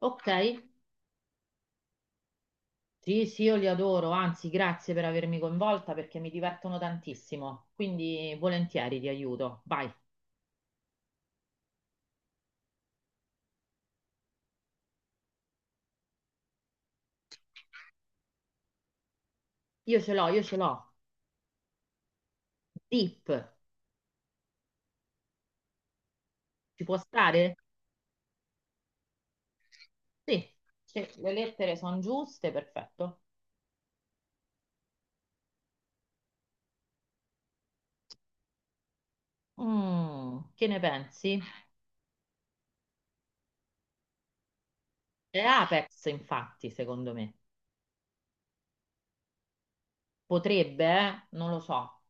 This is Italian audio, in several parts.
Ok, sì, sì, io li adoro, anzi, grazie per avermi coinvolta perché mi divertono tantissimo, quindi volentieri ti aiuto. Vai, io ce l'ho. Deep, ci può stare? Sì, se le lettere sono giuste, perfetto. Mm, che ne pensi? È Apex, infatti, secondo me. Potrebbe, eh? Non lo so.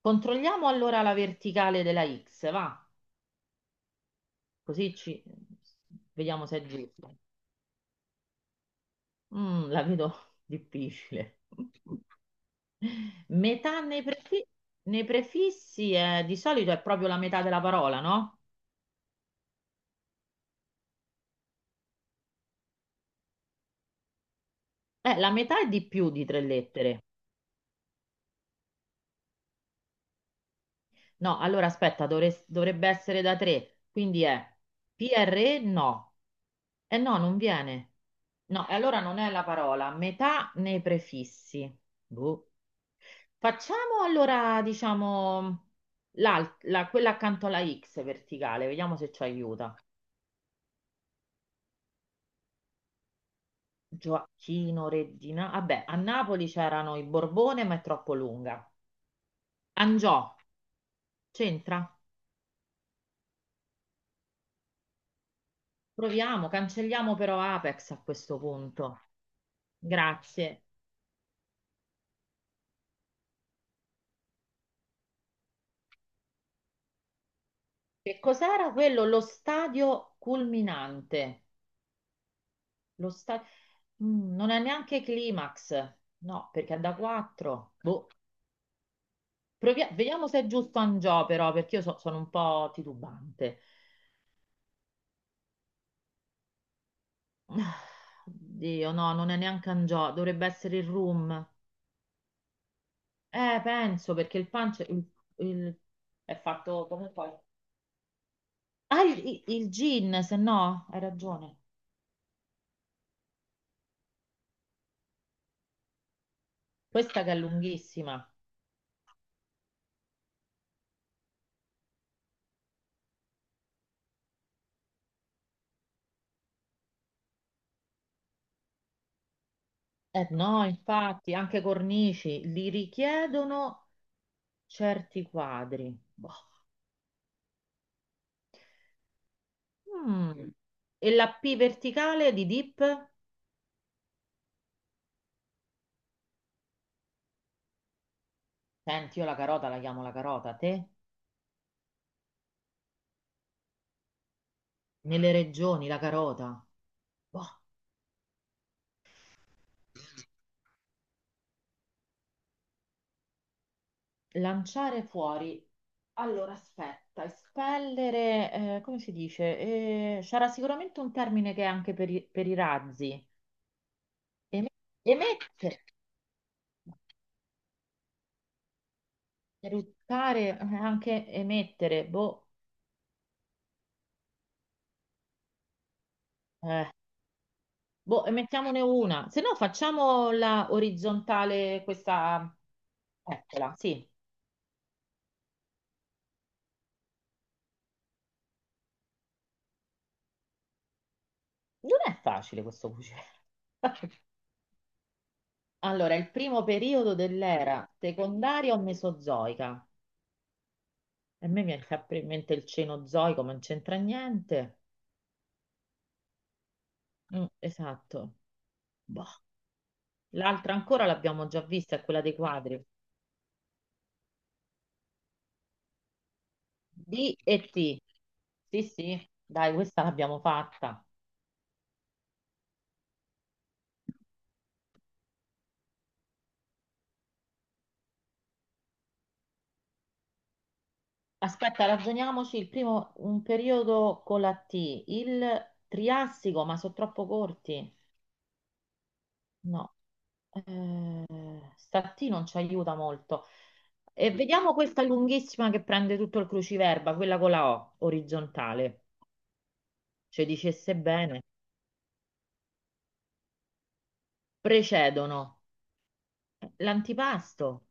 Controlliamo allora la verticale della X, va? Così ci... vediamo se è giusto. Mm, la vedo difficile. Metà nei prefi- Nei prefissi di solito è proprio la metà della parola, no? La metà è di più di tre lettere. No, allora aspetta, dovrebbe essere da tre. Quindi è PRE no. Eh no, non viene. No, e allora non è la parola. Metà nei prefissi. Boh. Facciamo allora, diciamo, quella accanto alla X verticale, vediamo se ci aiuta. Gioachino, Reggina. Vabbè, a Napoli c'erano i Borbone, ma è troppo lunga. Angiò, c'entra? Proviamo, cancelliamo però Apex a questo punto. Grazie. Che cos'era quello? Lo stadio culminante. Lo sta- Mm, non è neanche climax. No, perché è da 4. Boh. Vediamo se è giusto Angiò però, perché sono un po' titubante. Ah, Dio, no, non è neanche Angiò, dovrebbe essere il Room. Penso perché il punch il- è fatto come poi. Ah, il gin, se no, hai ragione. Questa che è lunghissima. Eh no, infatti, anche cornici li richiedono certi quadri. Boh. Mm. E la P verticale di dip? Senti, io la carota la chiamo la carota, te? Nelle regioni la carota. Boh. Lanciare fuori. Allora, aspetta, espellere, come si dice? C'era sicuramente un termine che è anche per i razzi. Eme- emettere, eruttare, anche emettere. Boh, eh, boh, emettiamone una. Se no, facciamo la orizzontale, questa... Eccola, sì. Non è facile questo cucire. Allora, il primo periodo dell'era secondaria o mesozoica? E a me mi è sempre in mente il Cenozoico, ma non c'entra niente. Mm, esatto. Boh. L'altra ancora l'abbiamo già vista, è quella dei quadri. D e T. Sì, sì, dai, questa l'abbiamo fatta. Aspetta, ragioniamoci. Il primo, un periodo con la T. Il Triassico, ma sono troppo corti. No. Eh, sta T non ci aiuta molto. E vediamo questa lunghissima che prende tutto il cruciverba, quella con la O, orizzontale. Ci dicesse bene, precedono l'antipasto.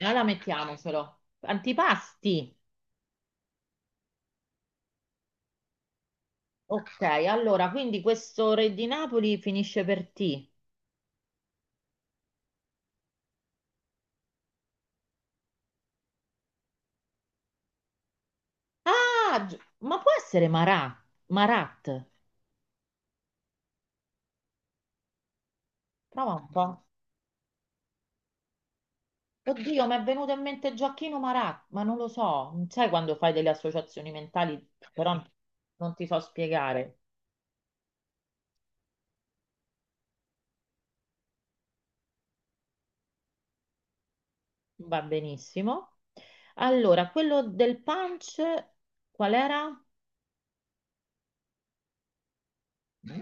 Allora mettiamocelo. Antipasti. Ok, allora, quindi questo re di Napoli finisce per T. Ah, ma può essere Marà? Marat? Prova un po'. Oddio, mi è venuto in mente Gioacchino Marat, ma non lo so. Non sai quando fai delle associazioni mentali, però non ti so spiegare. Va benissimo. Allora, quello del punch, qual era? Mm,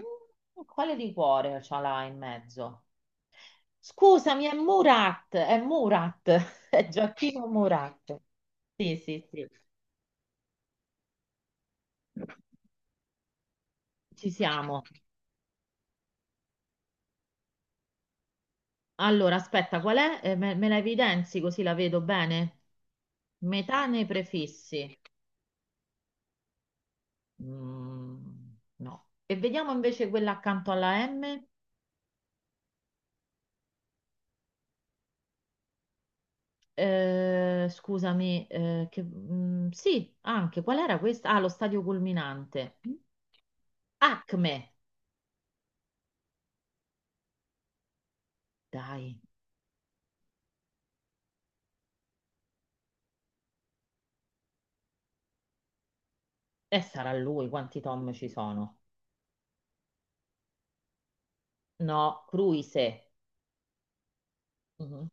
quale liquore ce l'ha in mezzo? Scusami, è Murat, è Gioacchino Murat. Sì, sì, sì, ci siamo. Allora, aspetta, qual è? Me la evidenzi così la vedo bene? Metà nei prefissi. Mm, no. E vediamo invece quella accanto alla M. Eh, scusami, sì, anche. Qual era questa? Ah, lo stadio culminante. Acme. Dai. E sarà lui, quanti Tom ci sono? No, Cruise. Mhm.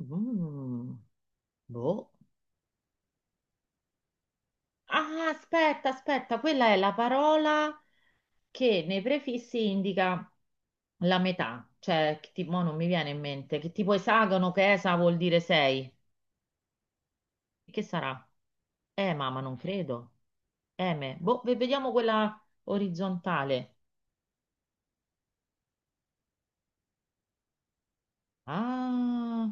Mm, boh. Ah, aspetta, aspetta, quella è la parola che nei prefissi indica la metà, cioè, mo non mi viene in mente, che tipo esagono, che esa vuol dire sei. Che sarà? Mamma, non credo. Eme, boh, vediamo quella orizzontale. Ah,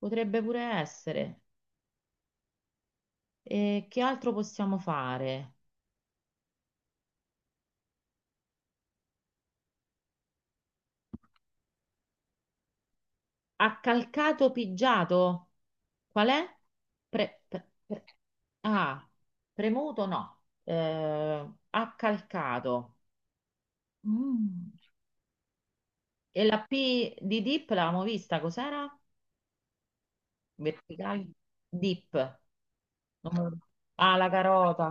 potrebbe pure essere. E che altro possiamo fare? Accalcato pigiato? Qual è? Pre- pre- pre- ah, premuto no. Accalcato. Mm. E la P di dip l'avevamo vista, cos'era? Verticale? Dip. Non me lo- Ah, la carota.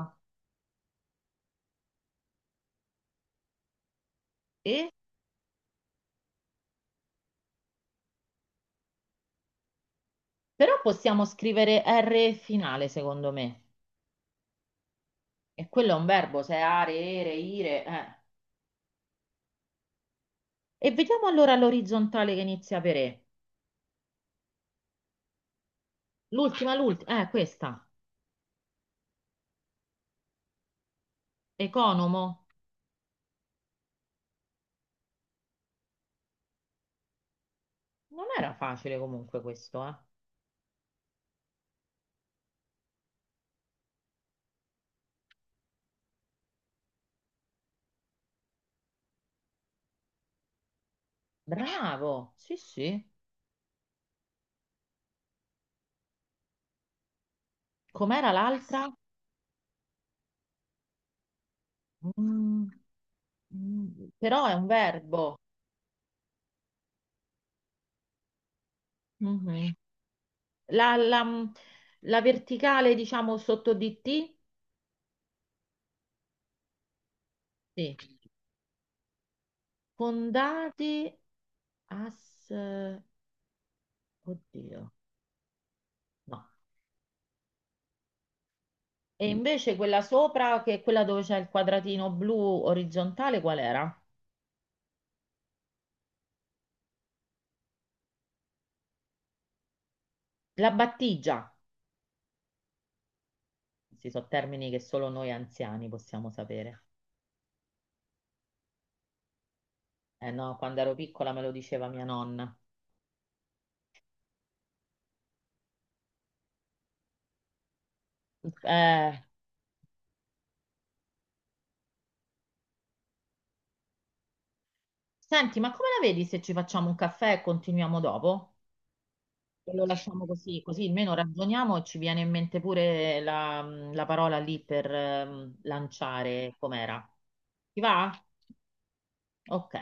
E? Però possiamo scrivere R finale, secondo me. E quello è un verbo, se è are, ere, ire. Eh. E vediamo allora l'orizzontale che inizia per E. L'ultima, l'ultima, questa. Economo. Non era facile comunque questo, eh. Bravo, sì, sì. Com'era l'altra? Mm, mm, però è un verbo. Mhm. La, la- mm, la verticale, diciamo, sotto di T? Sì. Fondati as... Oddio, no. E invece quella sopra, che è quella dove c'è il quadratino blu orizzontale, qual era? La battigia. Questi sono termini che solo noi anziani possiamo sapere. Eh no, quando ero piccola me lo diceva mia nonna. Eh, senti, ma come la vedi se ci facciamo un caffè e continuiamo dopo? E lo lasciamo così, così almeno ragioniamo e ci viene in mente pure la, la parola lì per lanciare com'era. Ti va? Ok.